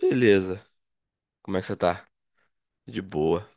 Beleza. Como é que você tá? De boa.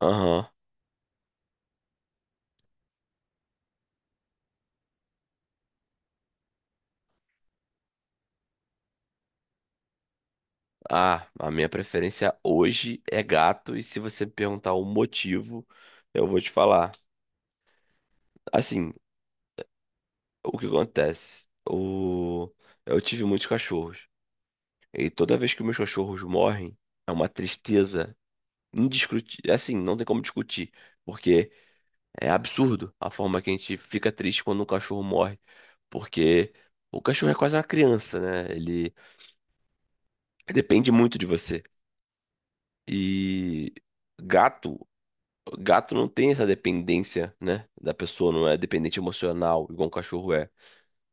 Aham. Ah, a minha preferência hoje é gato, e se você me perguntar o motivo, eu vou te falar. Assim, o que acontece? Eu tive muitos cachorros, e toda vez que meus cachorros morrem, é uma tristeza indiscutível. Assim, não tem como discutir, porque é absurdo a forma que a gente fica triste quando um cachorro morre, porque o cachorro é quase uma criança, né? Ele depende muito de você. E gato, gato não tem essa dependência, né? Da pessoa, não é dependente emocional, igual um cachorro é.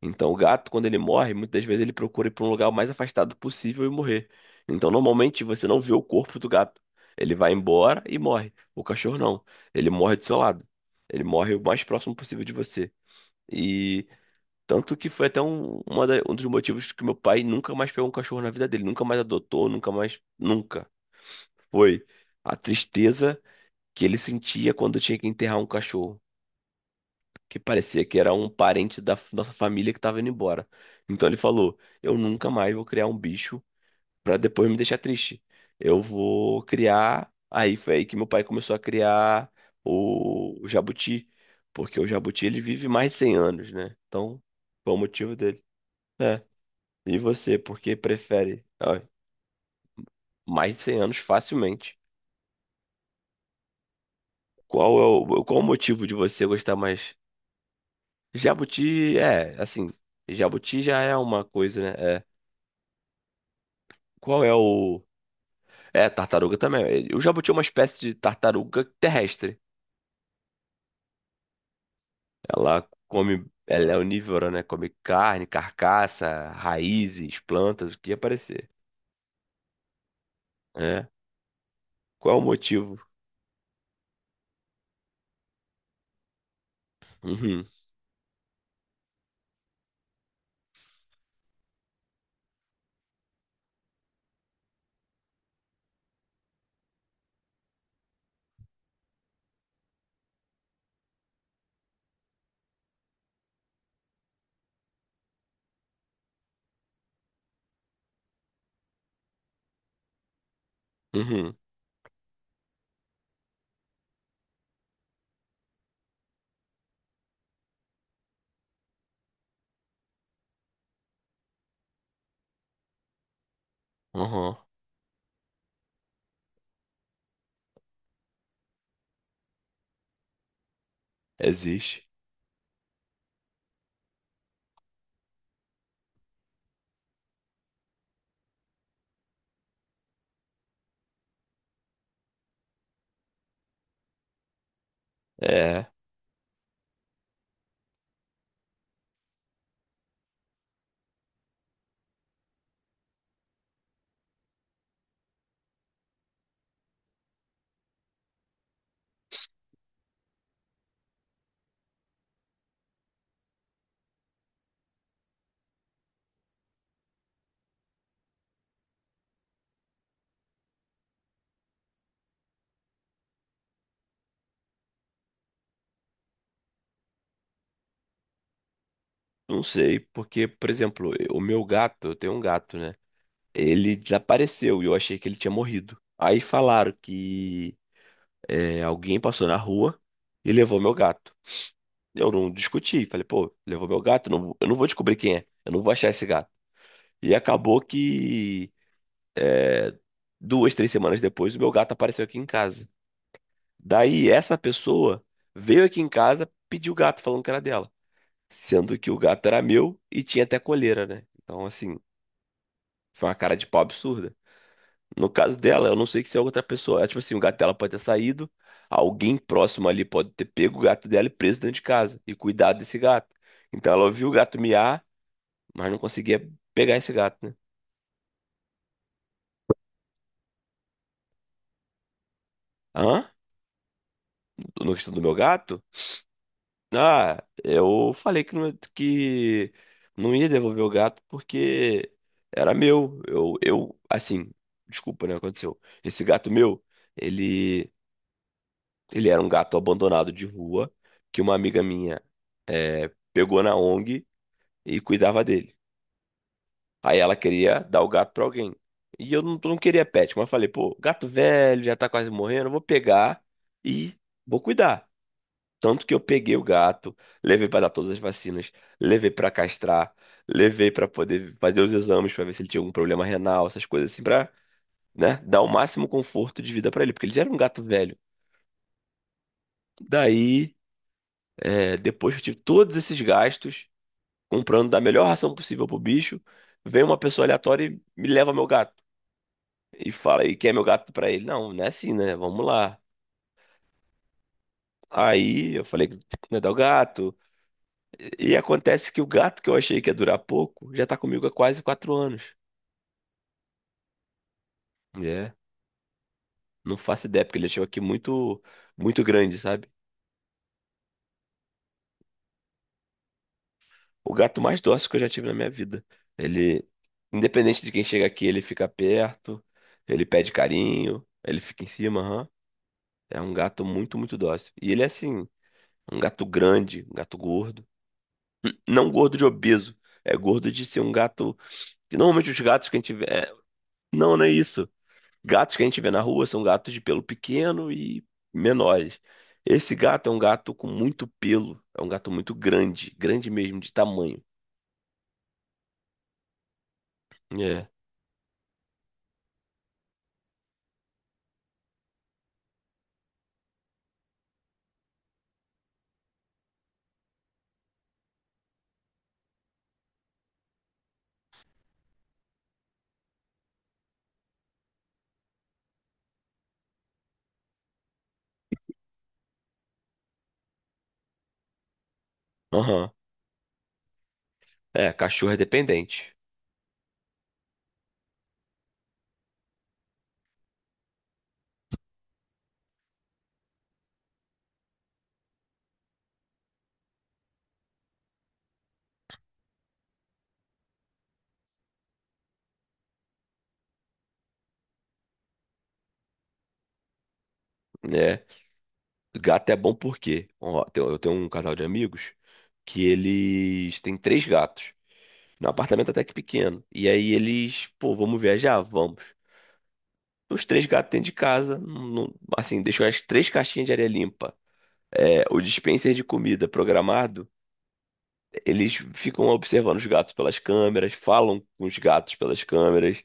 Então, o gato, quando ele morre, muitas vezes ele procura ir para um lugar o mais afastado possível e morrer. Então, normalmente, você não vê o corpo do gato. Ele vai embora e morre. O cachorro não. Ele morre do seu lado. Ele morre o mais próximo possível de você. E tanto que foi até um dos motivos que meu pai nunca mais pegou um cachorro na vida dele. Nunca mais adotou, nunca mais. Nunca. Foi a tristeza que ele sentia quando tinha que enterrar um cachorro, que parecia que era um parente nossa família que estava indo embora. Então ele falou: eu nunca mais vou criar um bicho para depois me deixar triste. Eu vou criar. Aí foi aí que meu pai começou a criar o jabuti, porque o jabuti ele vive mais de 100 anos, né? Então, foi o motivo dele. É. E você, por que prefere? Ó, mais de 100 anos facilmente? Qual é qual o motivo de você gostar mais? Jabuti, é, assim, jabuti já é uma coisa, né? É. Qual é o. É, tartaruga também. O jabuti é uma espécie de tartaruga terrestre. Ela come. Ela é onívora, né? Come carne, carcaça, raízes, plantas, o que aparecer. É. Qual é o motivo? Uhum, uhum, uhum. Existe. É. Não sei, porque, por exemplo, o meu gato, eu tenho um gato, né? Ele desapareceu e eu achei que ele tinha morrido. Aí falaram que alguém passou na rua e levou meu gato. Eu não discuti, falei, pô, levou meu gato, não- eu não vou descobrir quem é, eu não vou achar esse gato. E acabou que duas, 3 semanas depois, o meu gato apareceu aqui em casa. Daí essa pessoa veio aqui em casa, pediu o gato, falando que era dela. Sendo que o gato era meu e tinha até coleira, né? Então, assim, foi uma cara de pau absurda. No caso dela, eu não sei se é outra pessoa. É, tipo assim, o gato dela pode ter saído, alguém próximo ali pode ter pego o gato dela e preso dentro de casa e cuidado desse gato. Então ela ouviu o gato miar, mas não conseguia pegar esse gato, né? Hã? No questão do meu gato? Ah, eu falei que não ia devolver o gato porque era meu. Eu, assim, desculpa, né? Aconteceu. Esse gato meu, ele Ele era um gato abandonado de rua que uma amiga minha pegou na ONG e cuidava dele. Aí ela queria dar o gato pra alguém. E eu não queria pet, mas eu falei, pô, gato velho, já tá quase morrendo, eu vou pegar e vou cuidar. Tanto que eu peguei o gato, levei pra dar todas as vacinas, levei pra castrar, levei pra poder fazer os exames pra ver se ele tinha algum problema renal, essas coisas assim, pra, né, dar o máximo conforto de vida pra ele, porque ele já era um gato velho. Daí depois que eu tive todos esses gastos, comprando da melhor ração possível pro bicho, vem uma pessoa aleatória e me leva meu gato. E fala, e quer meu gato pra ele? Não, não é assim, né? Vamos lá. Aí eu falei, não é dar o gato. E acontece que o gato que eu achei que ia durar pouco, já tá comigo há quase 4 anos. É, não faço ideia, porque ele chegou aqui muito, muito grande, sabe? O gato mais dócil que eu já tive na minha vida. Ele, independente de quem chega aqui, ele fica perto, ele pede carinho, ele fica em cima, é um gato muito, muito dócil. E ele é assim, um gato grande, um gato gordo. Não gordo de obeso. É gordo de ser um gato. Que normalmente os gatos que a gente vê. Não, não é isso. Gatos que a gente vê na rua são gatos de pelo pequeno e menores. Esse gato é um gato com muito pelo. É um gato muito grande. Grande mesmo, de tamanho. É. Aham. É, cachorro é dependente. Né? Gato é bom por quê? Ó, eu tenho um casal de amigos que eles têm três gatos. Num apartamento até que pequeno. E aí eles, pô, vamos viajar? Vamos. Os três gatos dentro de casa, não- assim, deixou as três caixinhas de areia limpa. É, o dispenser de comida programado, eles ficam observando os gatos pelas câmeras, falam com os gatos pelas câmeras.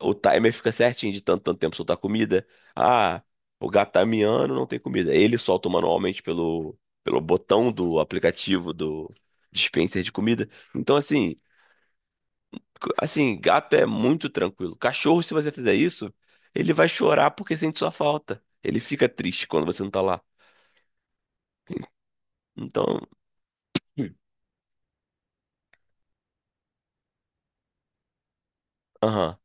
O timer fica certinho de tanto, tanto tempo soltar comida. Ah, o gato tá miando, não tem comida. Ele solta manualmente pelo botão do aplicativo do dispenser de comida. Então, Assim, gato é muito tranquilo. Cachorro, se você fizer isso, ele vai chorar porque sente sua falta. Ele fica triste quando você não tá lá. Então, hum. Aham,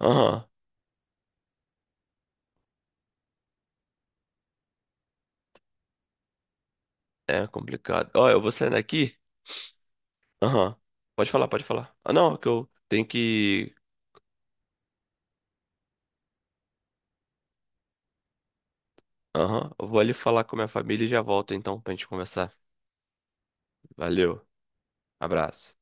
aham. É complicado. Ó, eu vou saindo aqui. Aham. Pode falar, pode falar. Ah, não, é que eu tenho que. Aham. Eu vou ali falar com a minha família e já volto então pra gente conversar. Valeu. Abraço.